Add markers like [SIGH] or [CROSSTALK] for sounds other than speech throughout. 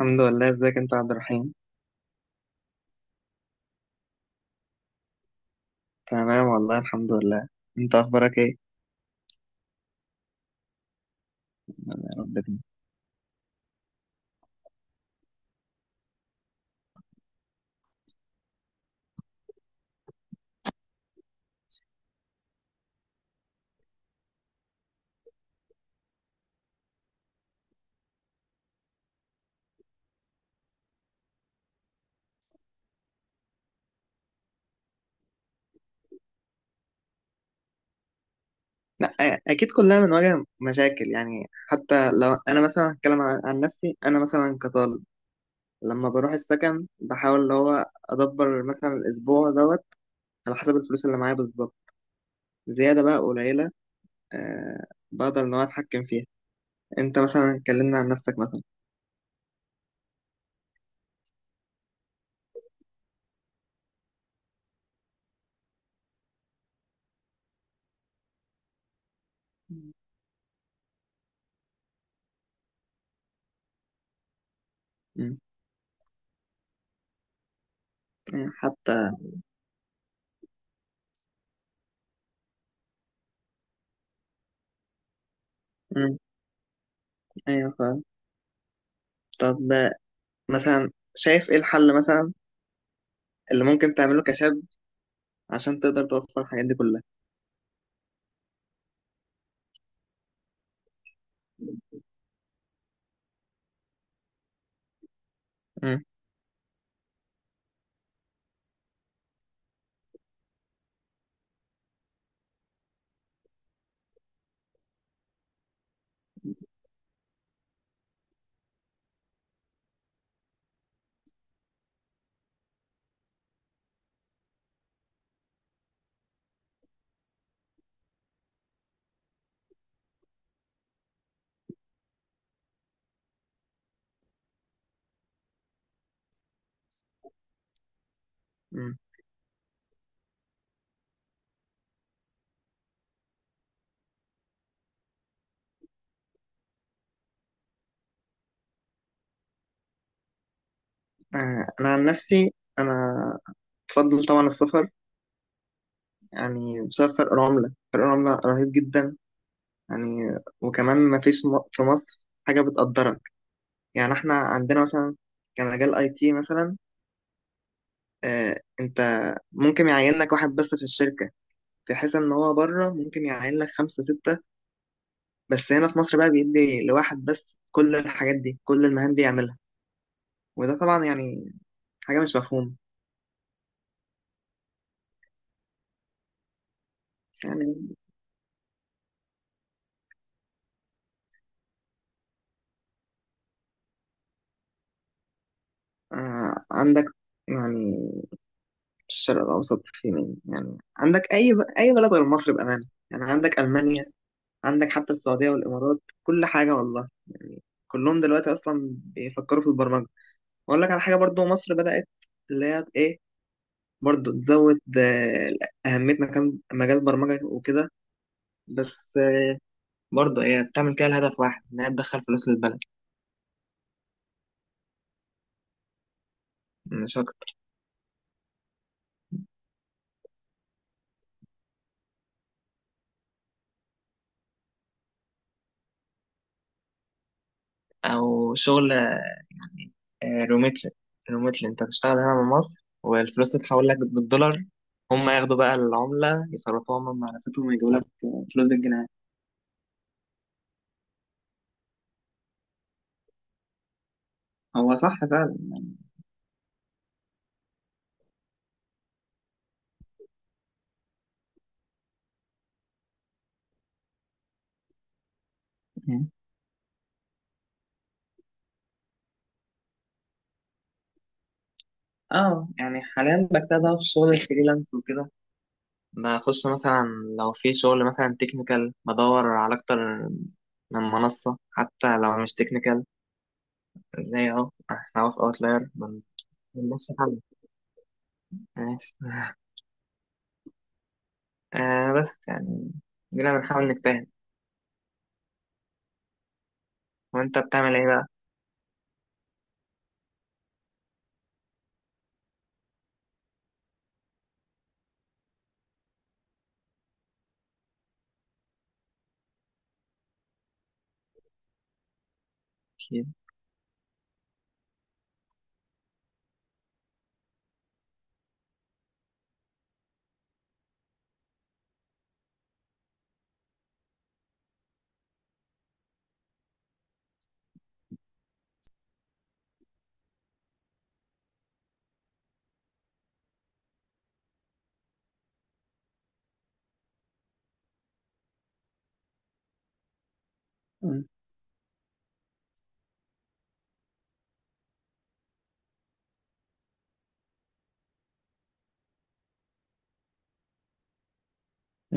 الحمد لله. ازيك انت يا عبد الرحيم؟ تمام والله الحمد لله. انت اخبارك ايه؟ يا رب دايما. لا اه، اكيد كلنا بنواجه مشاكل، يعني حتى لو انا مثلا هتكلم عن نفسي، انا مثلا كطالب لما بروح السكن بحاول اللي هو ادبر مثلا الاسبوع دوت على حسب الفلوس اللي معايا بالظبط، زياده بقى قليله أه بقدر ان هو اتحكم فيها. انت مثلا اتكلمنا عن نفسك مثلا. مم. مم. حتى مم. ايوه فاهم. طب مثلا، شايف ايه الحل مثلا اللي ممكن تعمله كشاب عشان تقدر توفر الحاجات دي كلها؟ مم. مم. آه، أنا عن نفسي أنا بفضل طبعا السفر، يعني بسبب فرق العملة. فرق العملة رهيب جدا. يعني وكمان ما فيش في مصر حاجة بتقدرك، يعني احنا عندنا مثلا كمجال اي تي مثلا، آه، انت ممكن يعينك واحد بس في الشركة، في حيث ان هو بره ممكن يعين لك خمسة ستة، بس هنا في مصر بقى بيدي لواحد بس كل الحاجات دي، كل المهام دي يعملها. وده طبعا يعني حاجة مش مفهومة. يعني. آه، عندك يعني الشرق الأوسط فين؟ يعني عندك أي بلد غير مصر بأمانة، يعني عندك ألمانيا، عندك حتى السعودية والإمارات، كل حاجة والله. يعني كلهم دلوقتي أصلا بيفكروا في البرمجة. وأقول لك على حاجة، برضو مصر بدأت اللي هي إيه، برضو تزود آه، أهميتنا كم مجال البرمجة وكده، بس برضه هي بتعمل كده لهدف واحد، إنها تدخل فلوس للبلد، مش أكتر. أو شغل آه، روميتل. روميتل، انت هتشتغل هنا من مصر والفلوس تتحول لك بالدولار، هم ياخدوا بقى العملة يصرفوها هم من معرفتهم ويجيبوا لك فلوس بالجنيه. هو صح فعلا. مم. اه يعني حاليا بكتبها في شغل الفريلانس وكده، بخش مثلا لو في شغل مثلا تكنيكال بدور على اكتر من منصة، حتى لو مش تكنيكال، زي اهو احنا أهو في اوتلاير من نفس حل. ماشي [LAUGHS] آه بس يعني جينا بنحاول نجتهد. وانت بتعمل ايه بقى؟ أكيد.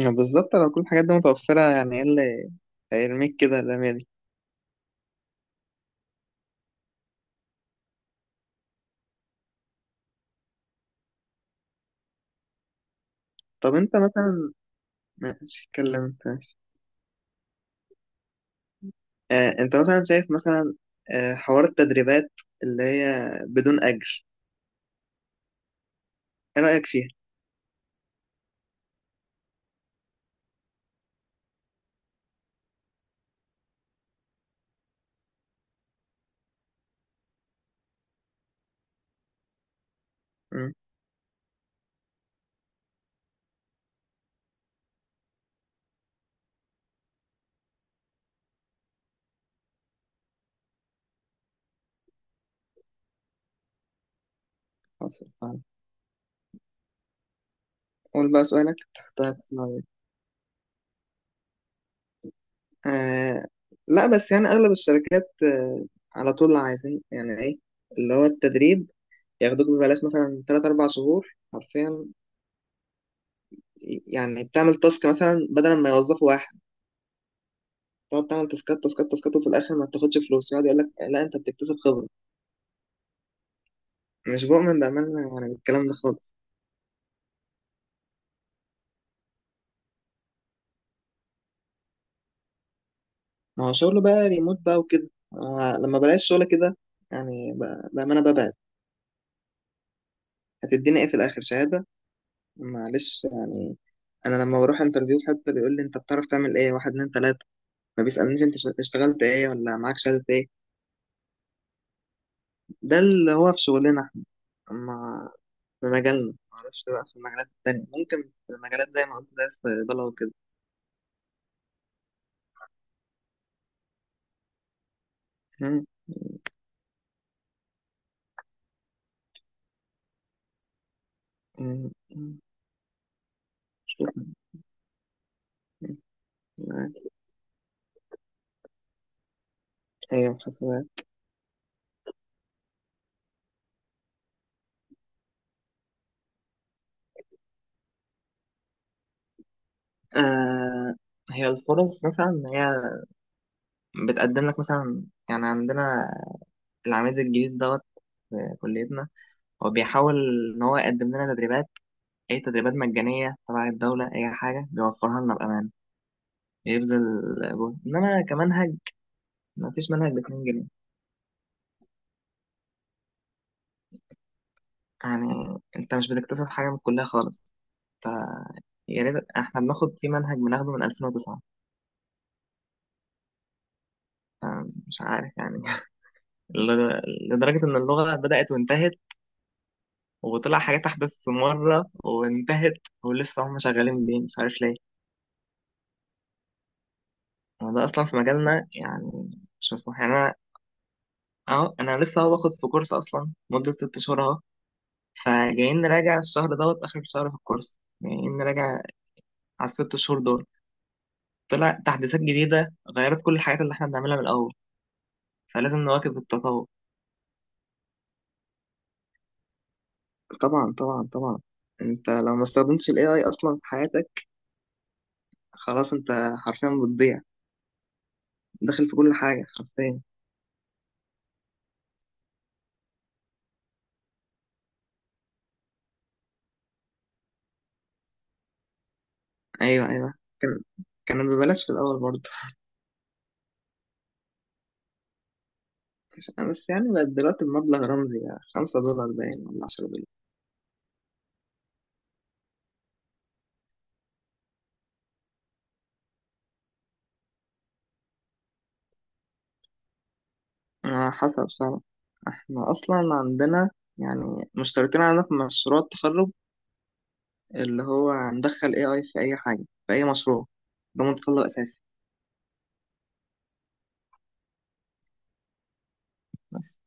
يعني بالظبط لو كل الحاجات دي متوفرة، يعني ايه اللي هيرميك كده الرمية دي؟ طب انت مثلا ماشي، اتكلم انت ماشي. آه انت مثلا شايف مثلا آه حوار التدريبات اللي هي بدون أجر، ايه رأيك فيها؟ مم، حصل فعلا. قول بقى سؤالك، تحت هتسمع إيه. آه لا، بس يعني أغلب الشركات آه، على طول عايزين يعني ايه اللي هو التدريب. ياخدوك ببلاش مثلا تلات أربع شهور حرفيا، يعني بتعمل تاسك مثلا بدل ما يوظفوا واحد، تقعد تعمل تاسكات تاسكات تاسكات، وفي الاخر ما بتاخدش فلوس. يقعد يقول لك لا انت بتكتسب خبره. مش بؤمن بامانه يعني بالكلام ده خالص. ما هو شغل بقى ريموت بقى وكده، آه، لما بلاقي الشغل كده يعني بامانه ببعد. هتديني ايه في الاخر؟ شهاده؟ معلش يعني. انا لما بروح انترفيو حتى بيقول لي انت بتعرف تعمل ايه، واحد اتنين تلاته، ما بيسالنيش انت اشتغلت ايه ولا معاك شهاده ايه. ده اللي هو في شغلنا احنا، ما في مجالنا. معرفش بقى في المجالات التانية، ممكن في المجالات زي ما قلت زي الصيدلة وكده. مم. مم. مم. معاك. ايوه حاسبات. آه، هي الفرص مثلا هي بتقدم لك مثلا، يعني عندنا العميد الجديد دوت في كليتنا، هو بيحاول ان هو يقدم لنا تدريبات، اي تدريبات مجانيه تبع الدوله، اي حاجه بيوفرها لنا بامان. بيبذل جهد، انما كمنهج ما فيش منهج. ب 2 جنيه يعني انت مش بتكتسب حاجه من الكليه خالص. ف يا ريت. احنا بناخد في منهج بناخده من 2009. ف- مش عارف يعني [LAUGHS] لدرجه ان اللغه بدات وانتهت، وطلع حاجات أحدث مرة وانتهت، ولسه هم شغالين بيه مش عارف ليه. هو ده أصلا في مجالنا يعني مش مسموح. يعني أنا أهو، أنا لسه أهو باخد في كورس أصلا مدة 6 شهور أهو، فجايين نراجع الشهر دوت آخر شهر في الكورس، جايين نراجع على الـ6 شهور دول، طلع تحديثات جديدة غيرت كل الحاجات اللي إحنا بنعملها من الأول. فلازم نواكب التطور. طبعا طبعا طبعا. انت لو ما استخدمتش الاي اي اصلا في حياتك، خلاص انت حرفيا بتضيع. داخل في كل حاجه حرفيا. ايوه ايوه، كان، كان ببلاش في الاول برضه [LAUGHS] بس يعني بقت دلوقتي بمبلغ رمزي، يعني $5 باين، ولا $10. على حسب فعلا. احنا اصلا عندنا يعني مشتركين عندنا في مشروع التخرج اللي هو هندخل اي اي في اي حاجة في اي مشروع. ده متطلب اساسي. بس.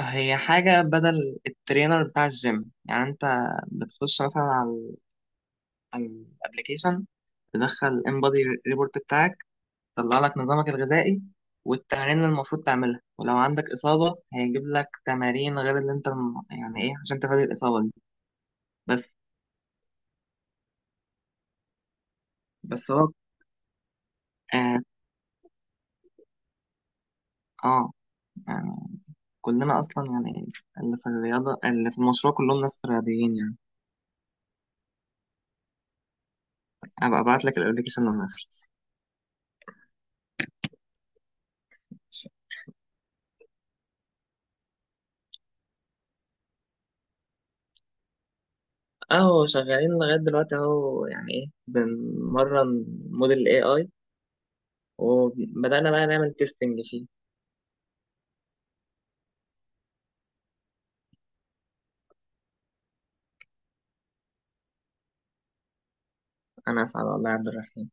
هي حاجة بدل الترينر بتاع الجيم، يعني انت بتخش مثلا على على الابليكيشن، تدخل انبادي ريبورت بتاعك، طلع لك نظامك الغذائي والتمارين اللي المفروض تعملها، ولو عندك إصابة هيجيب لك تمارين غير اللي أنت يعني إيه، عشان تغير الإصابة دي. بس. بس هو آه, آه يعني كلنا أصلا يعني اللي في الرياضة، اللي في المشروع كلهم ناس رياضيين يعني. أبقى أبعت لك الأبلكيشن لما يخلص. أهو شغالين لغاية دلوقتي أهو، يعني إيه، بنمرن موديل ال AI، وبدأنا بقى نعمل تيستنج فيه. أنا أسعد والله يا عبد الرحيم.